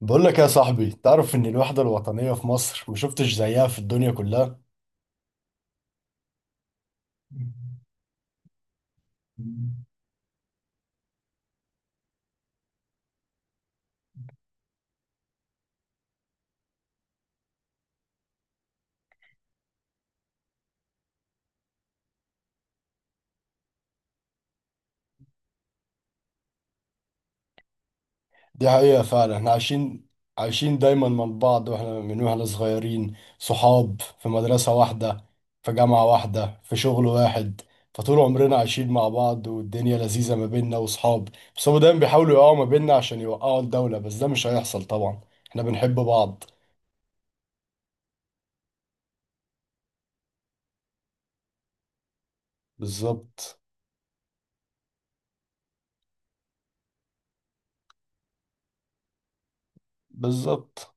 بقول لك يا صاحبي، تعرف ان الوحدة الوطنية في مصر ما شفتش زيها في الدنيا كلها. دي حقيقة فعلا، احنا عايشين دايما مع بعض، واحنا صغيرين، صحاب في مدرسة واحدة، في جامعة واحدة، في شغل واحد، فطول عمرنا عايشين مع بعض، والدنيا لذيذة ما بيننا وصحاب. بس هما دايما بيحاولوا يقعوا ما بيننا عشان يوقعوا الدولة، بس ده مش هيحصل طبعا. احنا بنحب بعض. بالظبط. بالظبط.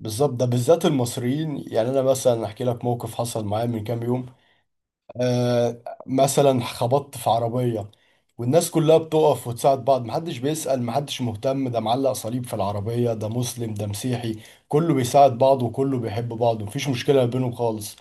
بالظبط، ده بالذات المصريين، يعني انا مثلا احكي لك موقف حصل معايا من كام يوم. آه، مثلا خبطت في عربيه، والناس كلها بتقف وتساعد بعض، محدش بيسأل، محدش مهتم ده معلق صليب في العربيه، ده مسلم ده مسيحي، كله بيساعد بعض وكله بيحب بعض، مفيش مشكله ما بينهم خالص.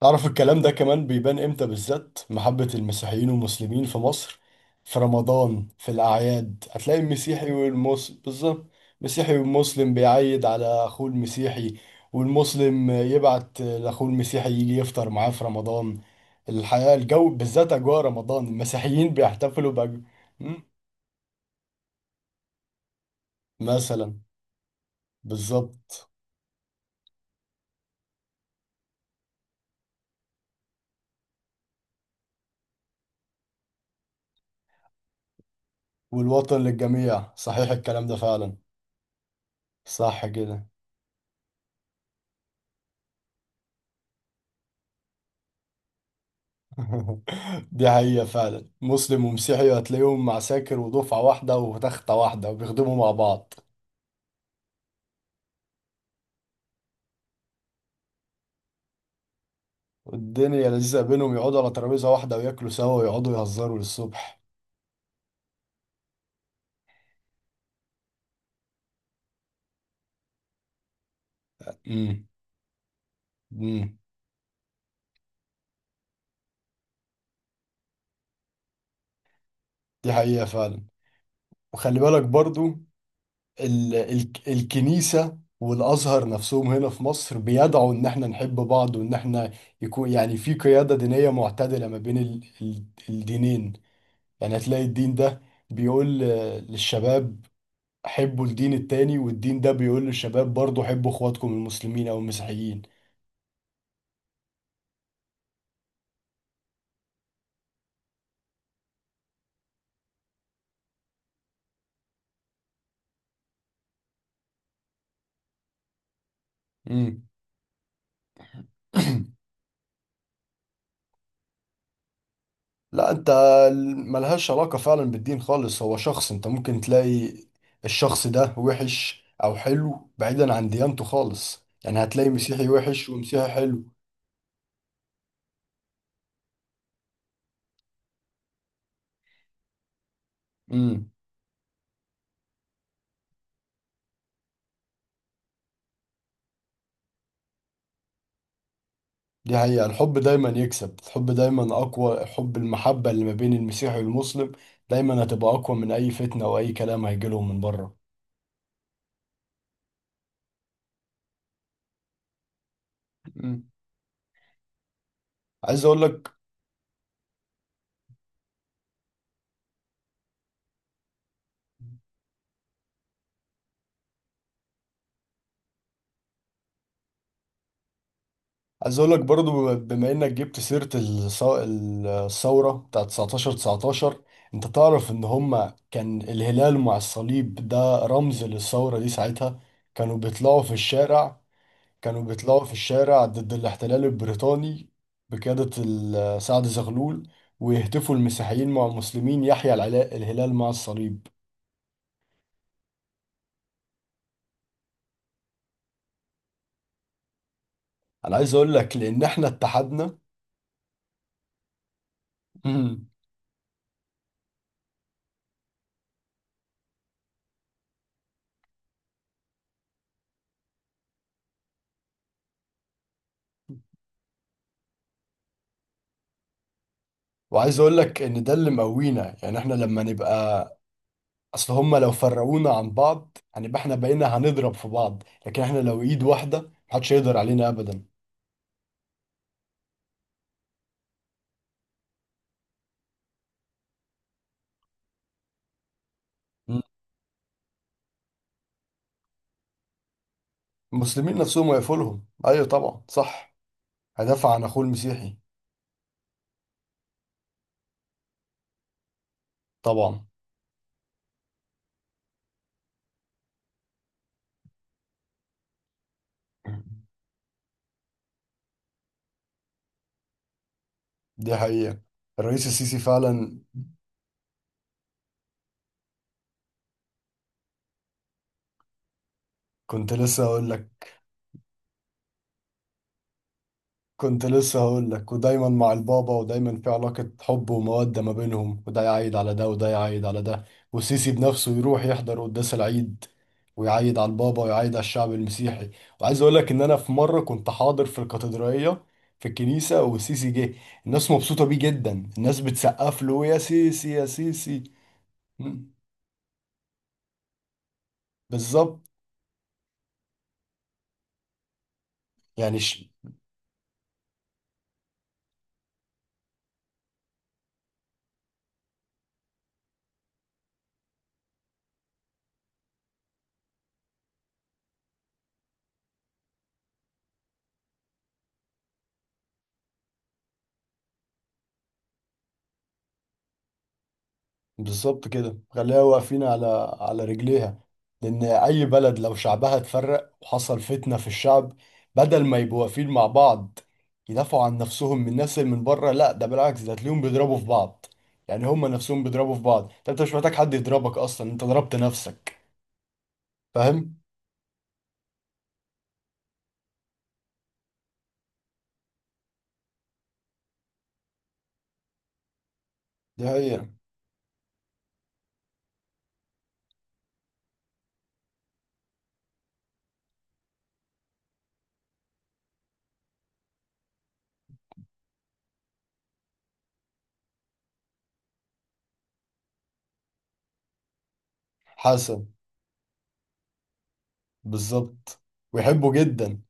تعرف الكلام ده كمان بيبان امتى بالذات؟ محبة المسيحيين والمسلمين في مصر في رمضان، في الأعياد هتلاقي المسيحي والمسلم بالظبط. المسيحي والمسلم بيعيد على أخوه المسيحي، والمسلم يبعت لأخوه المسيحي يجي يفطر معاه في رمضان. الحقيقة الجو بالذات أجواء رمضان المسيحيين بيحتفلوا بأجواء. مثلا. بالظبط. والوطن للجميع، صحيح الكلام ده فعلا. صح كده. دي حقيقة فعلا، مسلم ومسيحي هتلاقيهم عساكر، ودفعة واحدة وتختة واحدة وبيخدموا مع بعض. والدنيا لذيذة بينهم، يقعدوا على ترابيزة واحدة وياكلوا سوا ويقعدوا يهزروا للصبح. امم. امم. دي حقيقة فعلا. وخلي بالك برضو، ال ال الكنيسة والأزهر نفسهم هنا في مصر بيدعوا إن احنا نحب بعض، وإن احنا يكون يعني في قيادة دينية معتدلة ما بين ال ال الدينين يعني هتلاقي الدين ده بيقول للشباب، حبوا الدين التاني، والدين ده بيقول للشباب برضو، حبوا اخواتكم المسلمين او المسيحيين. امم. لا، انت ملهاش علاقة فعلا بالدين خالص، هو شخص، انت ممكن تلاقي الشخص ده وحش او حلو بعيدا عن ديانته خالص، يعني هتلاقي مسيحي وحش ومسيحي حلو. امم. دي حقيقة، الحب دايما يكسب، الحب دايما أقوى، حب المحبة اللي ما بين المسيحي والمسلم دايما هتبقى أقوى من أي فتنة أو أي كلام هيجيلهم من بره. مم. عايز أقول لك. عايز اقول لك برضو، بما انك جبت سيرة الثورة بتاعت 1919، انت تعرف ان هما كان الهلال مع الصليب ده رمز للثورة دي ساعتها. كانوا بيطلعوا في الشارع، كانوا بيطلعوا في الشارع ضد الاحتلال البريطاني بقيادة سعد زغلول، ويهتفوا المسيحيين مع المسلمين، يحيى الهلال مع الصليب. انا عايز اقول لك لان احنا اتحدنا. وعايز اقول لك ان ده اللي مقوينا، يعني احنا لما نبقى، اصل هما لو فرقونا عن بعض هنبقى احنا بقينا هنضرب في بعض، لكن احنا لو ايد واحده محدش يقدر علينا ابدا. مم. المسلمين نفسهم ويقفلهم، ايوه طبعا، صح، هدافع عن اخوه المسيحي. طبعا. مم. دي حقيقه، الرئيس السيسي فعلا. كنت لسه اقول لك. كنت لسه هقول لك، ودايما مع البابا، ودايما في علاقة حب ومودة ما بينهم، وده يعيد على ده وده يعيد على ده، وسيسي بنفسه يروح يحضر قداس العيد، ويعيد على البابا ويعيد على الشعب المسيحي. وعايز اقول لك ان انا في مرة كنت حاضر في الكاتدرائية، في الكنيسة، وسيسي جه، الناس مبسوطة بيه جدا، الناس بتسقف له، يا سيسي يا سيسي. م- بالظبط. يعني بالظبط كده، خليها واقفين على رجليها، لان اي بلد لو شعبها اتفرق وحصل فتنة في الشعب، بدل ما يبقوا واقفين مع بعض يدافعوا عن نفسهم من الناس اللي من بره، لا ده بالعكس، ده تلاقيهم بيضربوا في بعض، يعني هما نفسهم بيضربوا في بعض، ده انت مش محتاج حد يضربك اصلا، انت ضربت نفسك. فاهم؟ دي هي. حسن. بالظبط، ويحبوا جدا،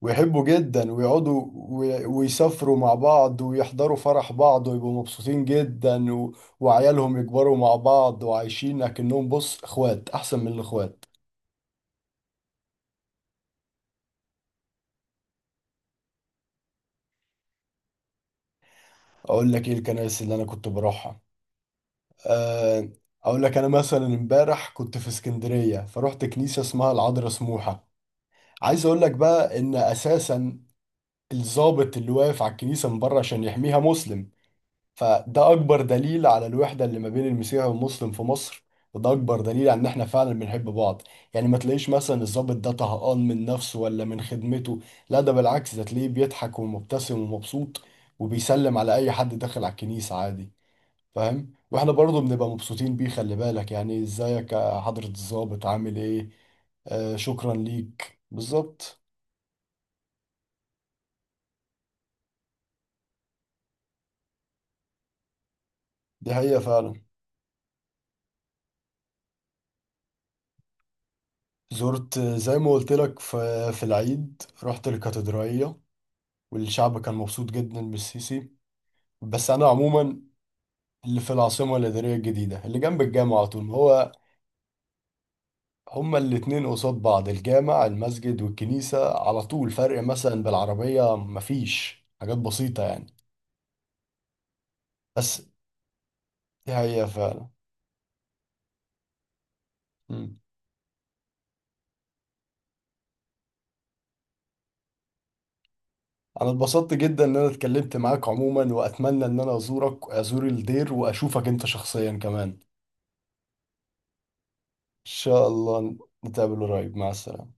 ويحبوا جدا ويقعدوا ويسافروا مع بعض ويحضروا فرح بعض ويبقوا مبسوطين جدا وعيالهم يكبروا مع بعض، وعايشين اكنهم بص اخوات احسن من الاخوات. اقول لك ايه الكنائس اللي انا كنت بروحها. أه... اقول لك انا مثلا امبارح كنت في اسكندرية، فروحت كنيسة اسمها العذراء سموحة. عايز اقول لك بقى ان اساسا الضابط اللي واقف على الكنيسة من بره عشان يحميها مسلم، فده اكبر دليل على الوحده اللي ما بين المسيحي والمسلم في مصر، وده اكبر دليل على ان احنا فعلا بنحب بعض. يعني ما تلاقيش مثلا الضابط ده طهقان من نفسه ولا من خدمته، لا ده بالعكس، ده تلاقيه بيضحك ومبتسم ومبسوط، وبيسلم على اي حد داخل على الكنيسه عادي. فاهم؟ واحنا برضه بنبقى مبسوطين بيه، خلي بالك يعني، ازيك يا حضره الضابط، عامل ايه؟ آه، شكرا ليك. بالظبط. دي حقيقه فعلا. زرت زي ما قلت لك، في العيد رحت الكاتدرائية، والشعب كان مبسوط جدا بالسيسي. بس انا عموما، اللي في العاصمه الاداريه الجديده اللي جنب الجامع على طول هو. هما الاتنين قصاد بعض، الجامع المسجد والكنيسه على طول، فرق مثلا بالعربيه، مفيش حاجات بسيطه، يعني بس. دي حقيقه فعلا. مم. انا اتبسطت جدا ان انا اتكلمت معاك عموما، واتمنى ان انا ازورك، ازور الدير واشوفك انت شخصيا كمان، ان شاء الله نتقابل قريب، مع السلامه.